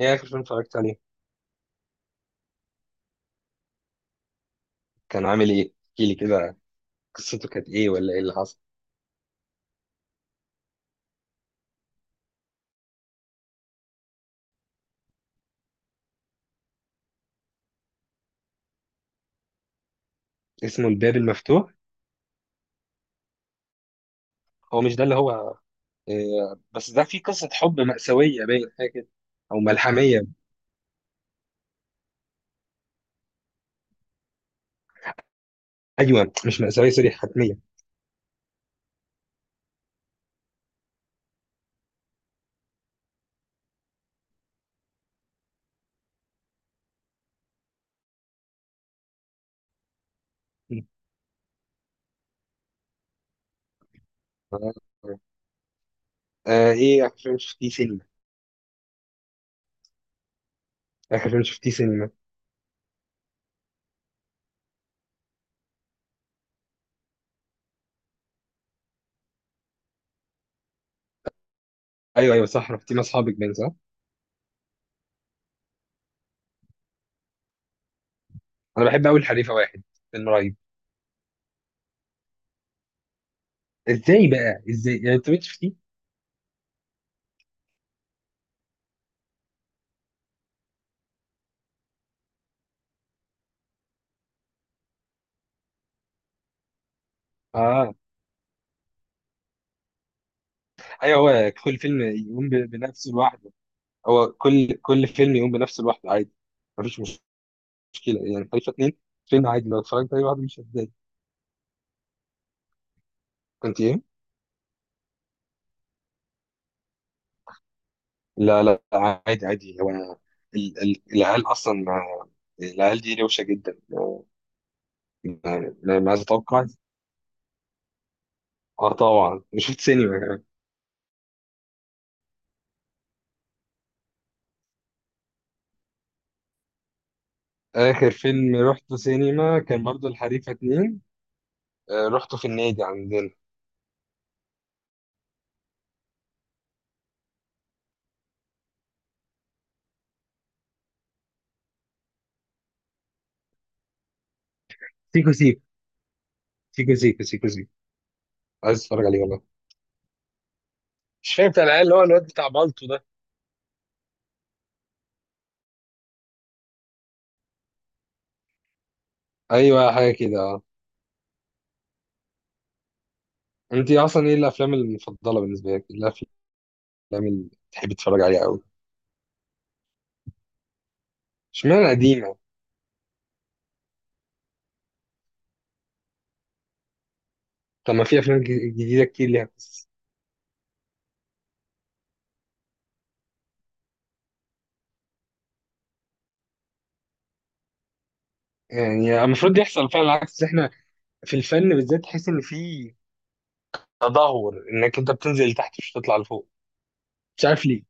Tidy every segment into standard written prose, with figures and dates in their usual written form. ايه اخر فيلم اتفرجت عليه؟ كان عامل ايه؟ احكي لي كده. قصته كانت ايه ولا ايه اللي حصل؟ اسمه الباب المفتوح. هو مش ده اللي هو؟ إيه؟ بس ده فيه قصة حب مأساوية، باين حاجة كده، او ملحمية. ايوه، مش مأساوية، سوري، حتمية. آه. آه، ايه اخر فيلم شفتيه سينما؟ اخر فيلم شفتيه سينما. ايوه ايوه، صح، رحتيه مع اصحابك باين، صح؟ انا بحب قوي الحريفة 1. فيلم رهيب. ازاي بقى؟ ازاي يعني انت مش شفتيه؟ اه. ايوه، هو كل فيلم يقوم بنفسه لوحده. هو كل فيلم يقوم بنفسه لوحده، عادي. مفيش مشكله، يعني خليفه 2 فيلم عادي، لو اتفرجت عليه لوحده مش هتضايق. كنت ايه؟ لا لا، عادي عادي، العيال اصلا يعني العيال دي روشه جدا. ما عايز اتوقع. اه طبعا، شفت سينما كمان. اخر فيلم رحته سينما كان برضه الحريفه 2. آه، رحته في النادي عندنا. سيكو سيكو سيكو سيكو. سيكو سيكو. عايز اتفرج عليه، والله. مش فاهم بتاع العيال، اللي هو الواد بتاع بالطو ده. ايوه حاجه كده، اه. انت اصلا، ايه الافلام المفضله بالنسبه لك؟ إيه الافلام اللي بتحب تتفرج عليها قوي؟ اشمعنى قديمة؟ طب ما في أفلام جديدة كتير ليها قصص. يعني المفروض يحصل فعلا العكس. إحنا في الفن بالذات تحس إن في تدهور، إنك أنت بتنزل لتحت مش بتطلع لفوق. مش عارف ليه.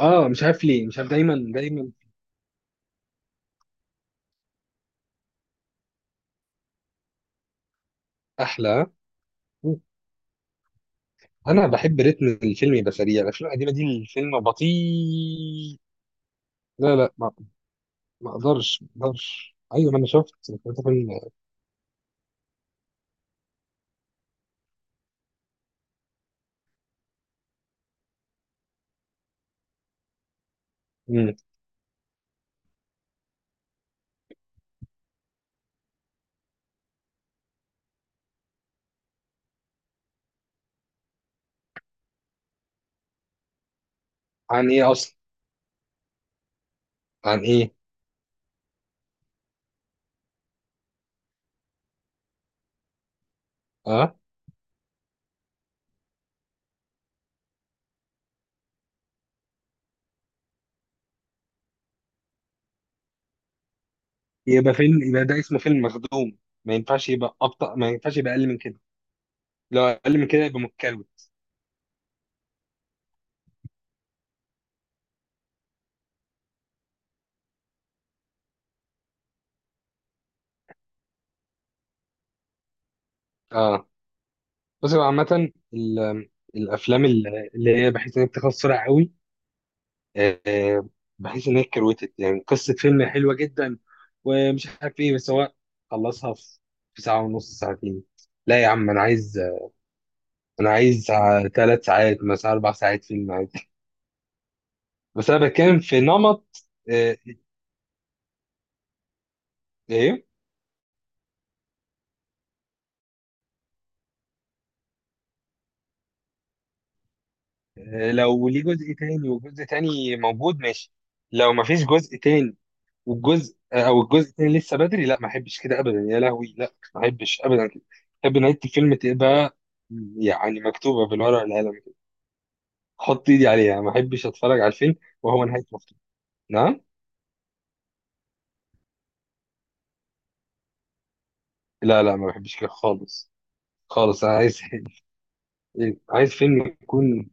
آه، مش عارف ليه، مش عارف، دايما دايما. أحلى. أنا بحب رتم الفيلم يبقى سريع، الأفلام القديمة دي الفيلم بطيء. لا لا، ما أقدرش أيوة، ما أنا شفت فيلم. مم. عن إيه أصلا؟ عن إيه؟ آه. يبقى فيلم، يبقى ده اسمه فيلم مخدوم. ما ينفعش يبقى أبطأ، ما ينفعش يبقى أقل من كده. لو اقل من كده يبقى متكروت. اه، بس هو عامة الافلام اللي هي بحيث ان هي بتخلص بسرعة قوي. آه، بحيث ان هي كروتت. يعني قصة فيلم حلوة جدا ومش عارف ايه، بس هو خلصها في ساعة ونص، ساعتين. لا يا عم، انا عايز 3 ساعات مثلا، 4 ساعات، فيلم عادي. بس انا بتكلم في نمط. آه، ايه. آه، لو ليه جزء تاني وجزء تاني موجود، ماشي. لو مفيش جزء تاني، والجزء آه، او الجزء الثاني لسه بدري، لا ما احبش كده ابدا، يا لهوي، لا ما احبش ابدا كده. احب نهايه الفيلم تبقى، يعني، مكتوبه بالورقه والقلم كده. احط ايدي عليها، ما احبش اتفرج على الفيلم وهو نهايته مكتوبه. نعم. لا لا، ما بحبش كده خالص. خالص انا عايز، عايز فيلم يكون،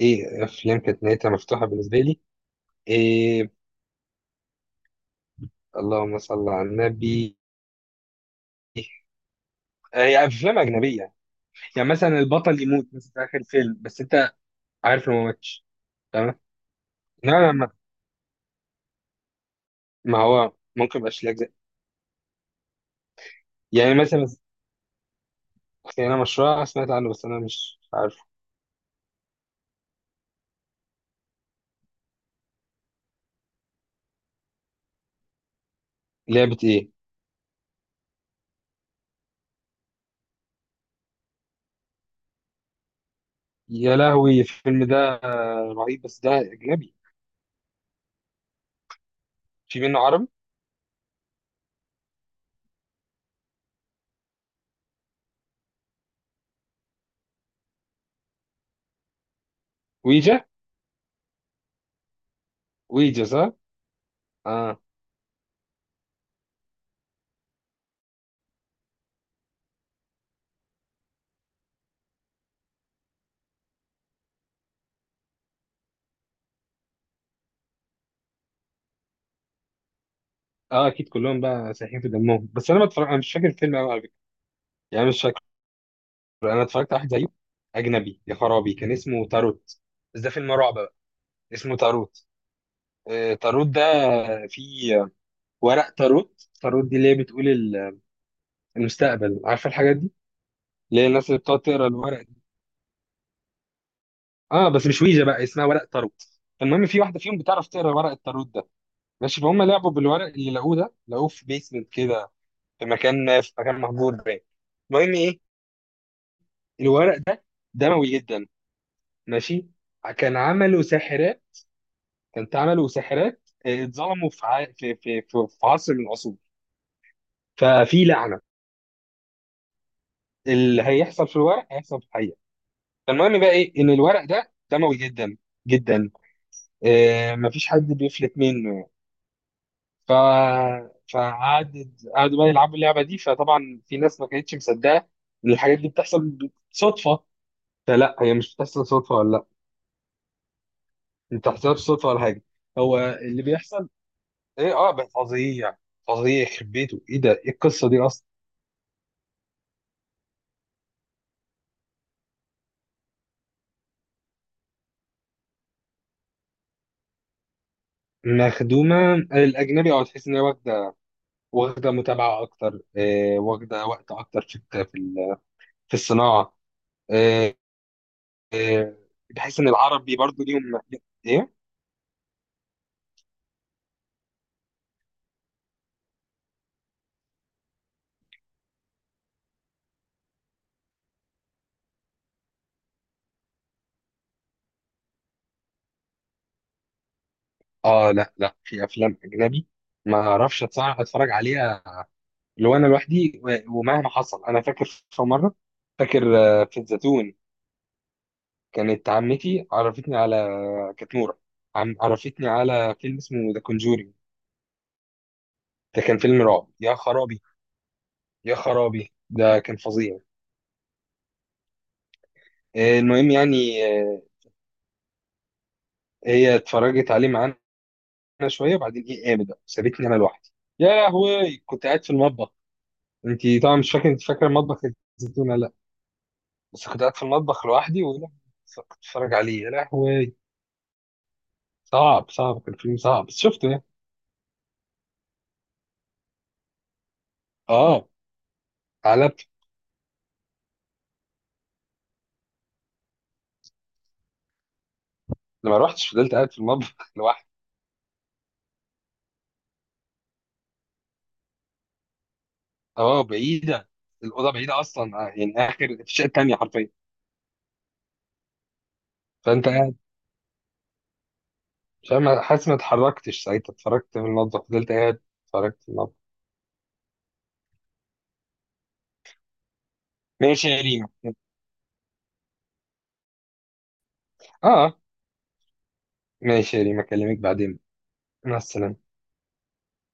ايه افلام كانت نهايتها مفتوحه بالنسبه لي؟ إيه. اللهم صل على النبي. آه، هي افلام اجنبيه. يعني مثلا البطل يموت مثلا في اخر الفيلم، بس انت عارف انه ما ماتش. تمام. نعم. ما هو ممكن ميبقاش ليه أجزاء. يعني مثلا، خيانة مشروع سمعت عنه بس أنا مش عارف. لعبة إيه؟ يا لهوي الفيلم ده رهيب، بس ده أجنبي. في منه عربي؟ ويجا. ويجا، صح؟ آه. آه أكيد، كلهم بقى سايحين في دمهم. بس أنا ما اتفرج... أنا مش فاكر الفيلم أوي على فكرة. يعني مش فاكر. أنا اتفرجت على واحد زيه أجنبي، يا خرابي، كان اسمه تاروت. بس ده فيلم رعب بقى. اسمه تاروت. آه، تاروت ده. في ورق تاروت. تاروت دي اللي هي بتقول المستقبل، عارفة الحاجات دي؟ اللي هي الناس اللي بتقعد تقرا الورق. اه بس مش ويجا بقى، اسمها ورق تاروت. المهم، في واحده فيهم بتعرف تقرا ورق التاروت ده. ماشي، فهم لعبوا بالورق اللي لقوه ده، لقوه في بيسمنت كده، في مكان مهجور باين. المهم ايه؟ الورق ده دموي جدا. ماشي. كان عملوا ساحرات كانت عملوا ساحرات، اتظلموا في ع... في في في في عصر من العصور. ففي لعنه. اللي هيحصل في الورق هيحصل في الحقيقه. فالمهم بقى ايه، ان الورق ده دموي جدا، جدا. آه، مفيش حد بيفلت منه. ف فقعد قعدوا بقى يلعبوا اللعبه دي. فطبعا في ناس ما كانتش مصدقه ان الحاجات دي بتحصل صدفه. فلا، هي مش بتحصل صدفه، ولا لا، ما بتحصلش صدفه ولا حاجه، هو اللي بيحصل. ايه، اه، بقى فظيع يعني. فظيع يخرب بيته، ايه ده، ايه القصه دي اصلا؟ مخدومه الاجنبي، اه، تحس ان هي واخده، واخده متابعه اكتر، آه، واخده وقت اكتر في الت- في ال- في الصناعه. آه. آه. بحس ان العربي برضو ليهم، ايه. اه لا لا، في افلام اجنبي ما اعرفش اتفرج عليها لو انا لوحدي، ومهما حصل. انا فاكر في مره، فاكر، آه، في الزيتون. كانت عمتي عرفتني على، آه، كانت نوره، عرفتني على فيلم اسمه ذا كونجوري. ده كان فيلم رعب، يا خرابي، يا خرابي ده كان فظيع. آه، المهم يعني، آه، هي اتفرجت عليه معانا شويه، وبعدين ايه قامت بقى سابتني انا لوحدي. يا لهوي كنت قاعد في المطبخ. انت طبعا مش فاكر انت فاكره المطبخ، الزيتون. بس كنت قاعد في المطبخ لوحدي، ولا كنت بتفرج عليه، يا لهوي. صعب صعب، كان فيلم صعب، بس شفته يعني. اه. قلبت. لما روحتش، فضلت قاعد في المطبخ لوحدي. اه بعيده، الاوضه بعيده اصلا، آه، يعني اخر في الشقه التانيه حرفيا. فانت قاعد مش عارف- حاسس، ما اتحركتش ساعتها، اتفرجت في المطبخ، فضلت قاعد اتفرجت في المطبخ. ماشي يا ريما. اه. ماشي يا ريما، اكلمك بعدين. مع السلامه.